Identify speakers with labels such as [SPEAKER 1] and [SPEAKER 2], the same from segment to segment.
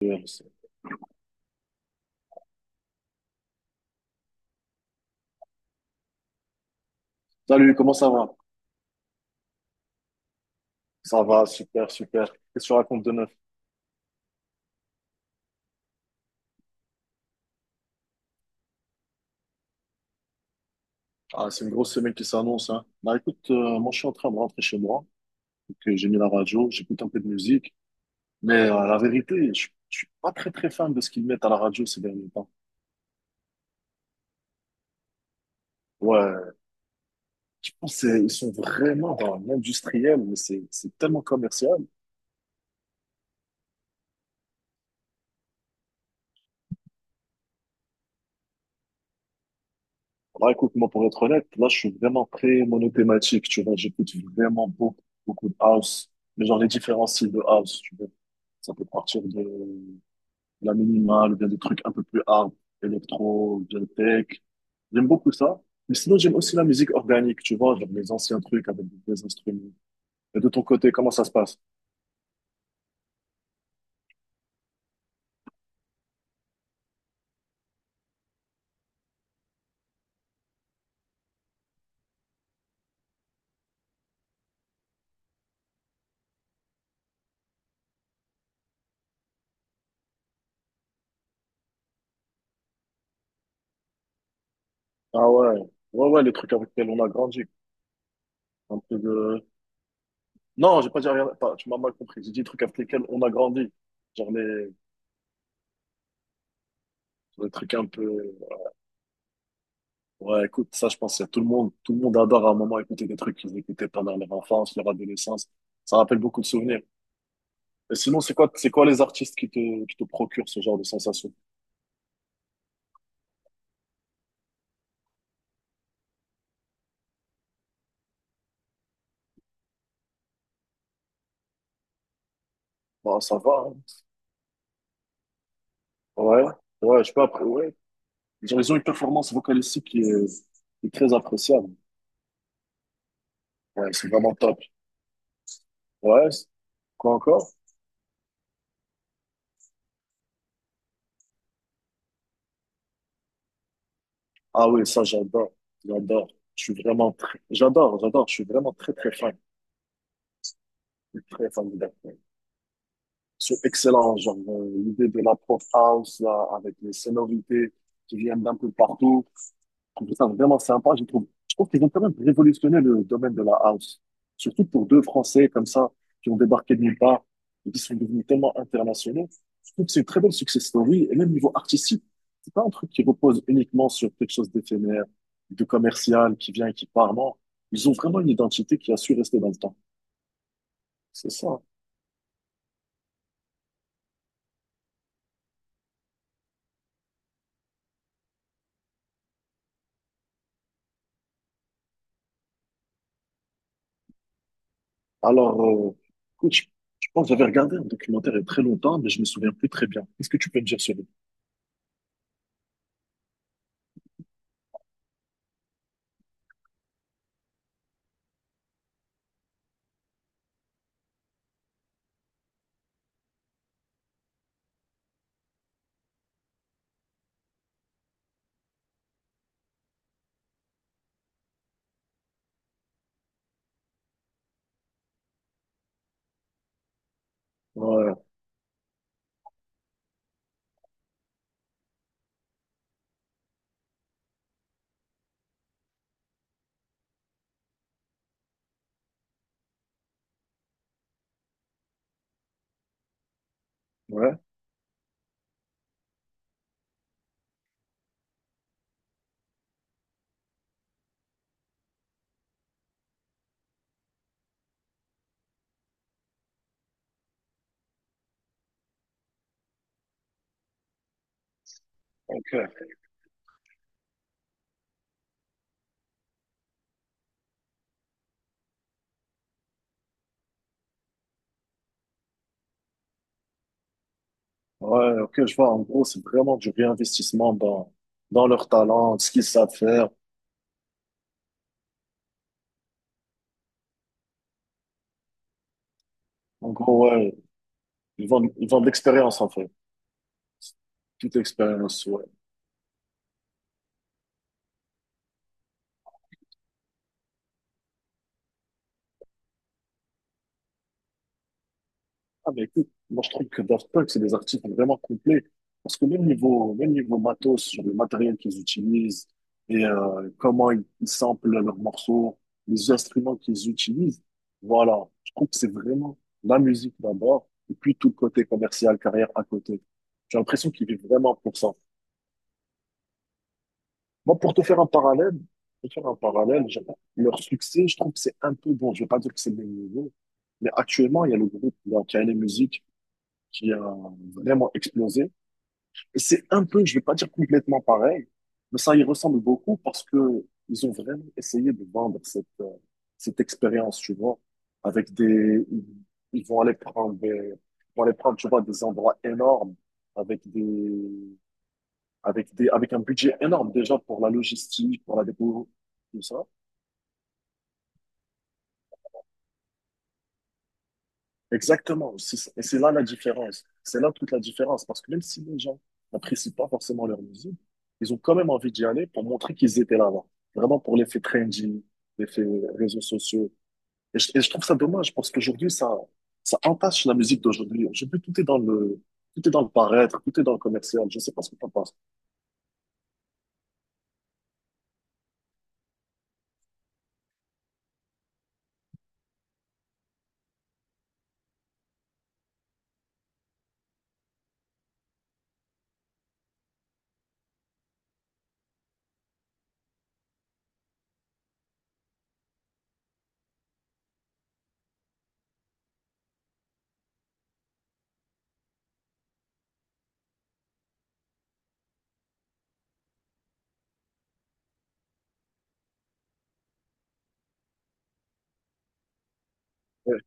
[SPEAKER 1] Bien. Salut, comment ça va? Ça va, super, super. Qu'est-ce que tu racontes de neuf? Ah, c'est une grosse semaine qui s'annonce, hein. Bah écoute, moi je suis en train de rentrer chez moi, donc j'ai mis la radio, j'écoute un peu de musique, mais la vérité, je suis pas très très fan de ce qu'ils mettent à la radio ces derniers temps. Ouais, je pense que ils sont vraiment dans l'industriel, mais c'est tellement commercial. Bah écoute, moi pour être honnête, là je suis vraiment très monothématique, tu vois, j'écoute vraiment beaucoup de house, mais genre les différents styles de house, tu vois. Ça peut partir de la minimale, ou bien des trucs un peu plus hard, électro, ou bien tech. J'aime beaucoup ça. Mais sinon, j'aime aussi la musique organique, tu vois, genre les anciens trucs avec des instruments. Et de ton côté, comment ça se passe? Ah ouais, ouais, ouais, les trucs avec lesquels on a grandi. Un peu de... Non, j'ai pas dit rien. Attends, tu m'as mal compris. J'ai dit les trucs avec lesquels on a grandi. Genre les trucs un peu. Ouais, écoute, ça, je pense que tout le monde adore à un moment écouter des trucs qu'ils écoutaient pendant leur enfance, leur adolescence. Ça rappelle beaucoup de souvenirs. Et sinon, c'est quoi les artistes qui qui te procurent ce genre de sensation? Bah, ça va, hein. Ouais, ouais, je sais pas, après, ouais. Ils ont une performance vocalistique qui est très appréciable. Ouais, c'est vraiment top. Ouais, quoi encore? Ah oui, ça, j'adore. J'adore. Je suis vraiment j'adore, j'adore. Je suis vraiment très, très fan. Je suis très fan de Daft Punk. C'est excellent. Genre, l'idée de la pop house, là, avec les sonorités qui viennent d'un peu partout. Je trouve ça vraiment sympa. Je trouve qu'ils ont quand même révolutionné le domaine de la house. Surtout pour deux Français comme ça, qui ont débarqué de nulle part et qui sont devenus tellement internationaux. Je trouve que c'est une très belle success story. Et même niveau artistique, c'est pas un truc qui repose uniquement sur quelque chose d'éphémère, de commercial, qui vient et qui part. Non. Ils ont vraiment une identité qui a su rester dans le temps. C'est ça. Alors, écoute, je pense que j'avais regardé un documentaire il y a très longtemps, mais je me souviens plus très bien. Qu'est-ce que tu peux me dire sur lui? Ouais, ouais, ok. Ouais, ok, je vois. En gros, c'est vraiment du réinvestissement dans leur talent, ce qu'ils savent faire. En gros, ouais, ils vendent l'expérience, en fait. Toute expérience, ouais. Ah, mais écoute, moi, je trouve que Daft Punk, c'est des artistes vraiment complets. Parce que même niveau matos, sur le matériel qu'ils utilisent et comment ils samplent leurs morceaux, les instruments qu'ils utilisent, voilà. Je trouve que c'est vraiment la musique d'abord, et puis tout le côté commercial, carrière à côté. J'ai l'impression qu'ils vivent vraiment pour ça. Moi, pour te faire un parallèle, leur succès, je trouve que c'est un peu bon. Je ne vais pas dire que c'est le même niveau, mais actuellement, il y a le groupe là, qui a vraiment explosé. Et c'est un peu, je ne vais pas dire complètement pareil, mais ça y ressemble beaucoup parce que ils ont vraiment essayé de vendre cette expérience, tu vois, avec des, ils ils vont aller prendre ils vont aller prendre, tu vois, des endroits énormes avec des, avec un budget énorme déjà pour la logistique, pour la dépôt, tout ça. Exactement. Et c'est là la différence. C'est là toute la différence. Parce que même si les gens n'apprécient pas forcément leur musique, ils ont quand même envie d'y aller pour montrer qu'ils étaient là avant. Vraiment pour l'effet trendy, l'effet réseaux sociaux. Et je trouve ça dommage parce qu'aujourd'hui, ça entache la musique d'aujourd'hui. Aujourd'hui, tout est dans le paraître, tout est dans le commercial. Je sais pas ce que t'en penses. Ouais.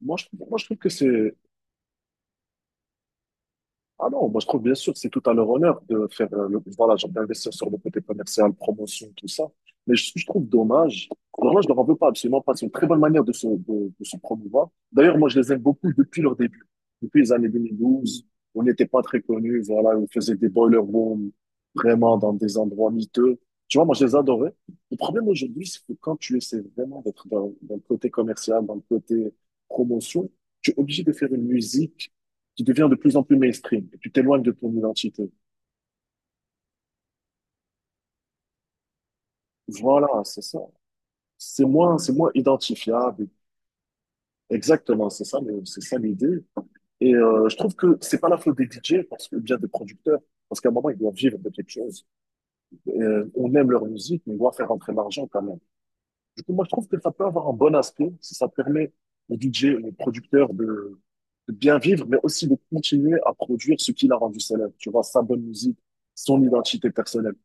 [SPEAKER 1] Moi, je trouve que c'est. Ah non, moi je trouve bien sûr que c'est tout à leur honneur de faire le, voilà, genre d'investir sur le côté commercial, promotion, tout ça. Mais ce je trouve dommage, vraiment je leur en veux pas absolument pas. C'est une très bonne manière de de se promouvoir. D'ailleurs, moi je les aime beaucoup depuis leur début. Depuis les années 2012, on n'était pas très connus, voilà, on faisait des boiler rooms vraiment dans des endroits miteux. Tu vois, moi je les adorais. Le problème aujourd'hui, c'est que quand tu essaies vraiment d'être dans le côté commercial, dans le côté promotion, tu es obligé de faire une musique tu deviens de plus en plus mainstream et tu t'éloignes de ton identité. Voilà, c'est ça. C'est moins identifiable. Exactement, c'est ça. Mais c'est ça l'idée. Et je trouve que c'est pas la faute des DJ parce que ou bien des producteurs, parce qu'à un moment ils doivent vivre de quelque chose. Et on aime leur musique, mais on doit faire rentrer l'argent quand même. Du coup, moi je trouve que ça peut avoir un bon aspect si ça permet aux DJ, aux producteurs de bien vivre, mais aussi de continuer à produire ce qui l'a rendu célèbre. Tu vois, sa bonne musique, son identité personnelle.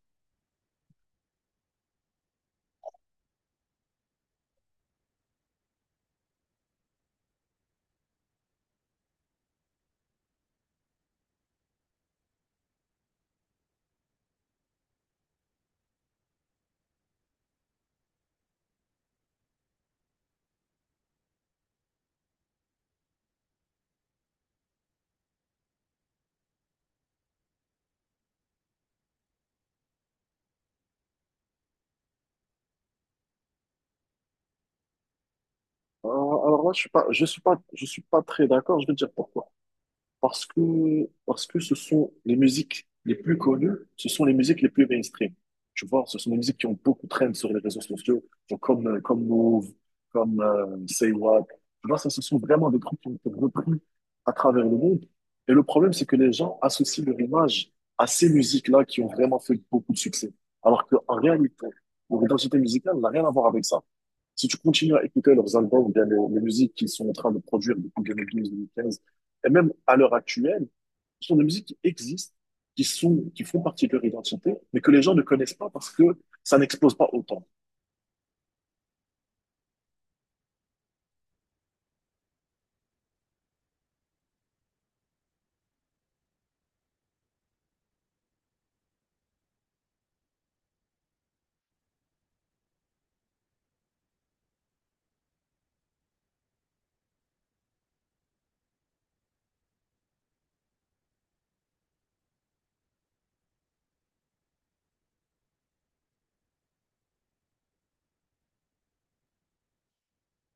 [SPEAKER 1] Alors là, je suis pas, très d'accord. Je vais te dire pourquoi. Parce que, parce que ce sont les musiques les plus connues, ce sont les musiques les plus mainstream. Tu vois, ce sont les musiques qui ont beaucoup traîné sur les réseaux sociaux, genre comme Move, comme Say What. Tu vois, ça, ce sont vraiment des groupes qui ont été repris à travers le monde. Et le problème, c'est que les gens associent leur image à ces musiques-là qui ont vraiment fait beaucoup de succès. Alors qu'en réalité, leur identité musicale n'a rien à voir avec ça. Si tu continues à écouter leurs albums, ou bien les musiques qu'ils sont en train de produire depuis 2012-2015, et même à l'heure actuelle, ce sont des musiques qui existent, qui font partie de leur identité, mais que les gens ne connaissent pas parce que ça n'explose pas autant.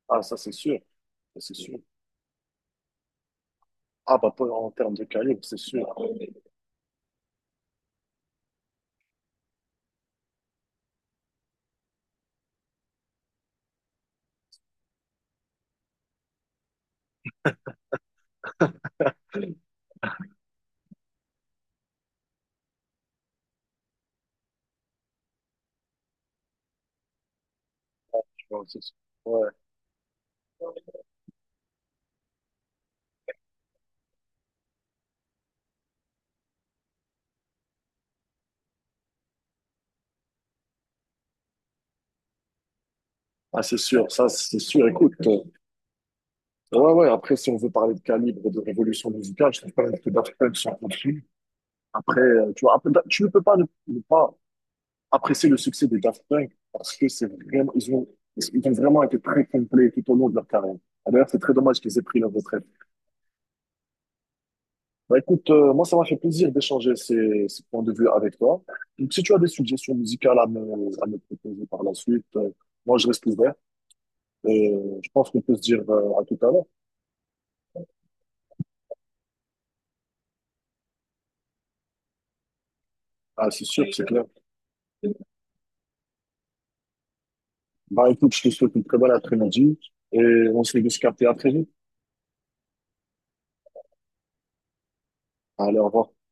[SPEAKER 1] Ah, ça, c'est sûr. Ça, c'est sûr. Ah, bah, pas en termes de calibre, c'est sûr. Tu vois, c'est sûr. Ouais. Ah, c'est sûr. Ça, c'est sûr. Écoute, ouais, ouais. Après, si on veut parler de calibre et de révolution musicale, je trouve pas que Daft Punk sont au-dessus. Après, tu vois, après, tu ne peux pas ne pas apprécier le succès des Daft Punk parce que c'est vraiment, ils ont vraiment été très complets tout au long de leur carrière. Et d'ailleurs, c'est très dommage qu'ils aient pris leur retraite. Bah, écoute, moi, ça m'a fait plaisir d'échanger ces points de vue avec toi. Donc, si tu as des suggestions musicales à à me proposer par la suite, moi, je reste ouvert. Et je pense qu'on peut se dire à tout à l'heure. Ah, c'est sûr, c'est clair. Bah, écoute, je te souhaite une très bonne après-midi et on se dit de se capter à très vite. Allez, au revoir.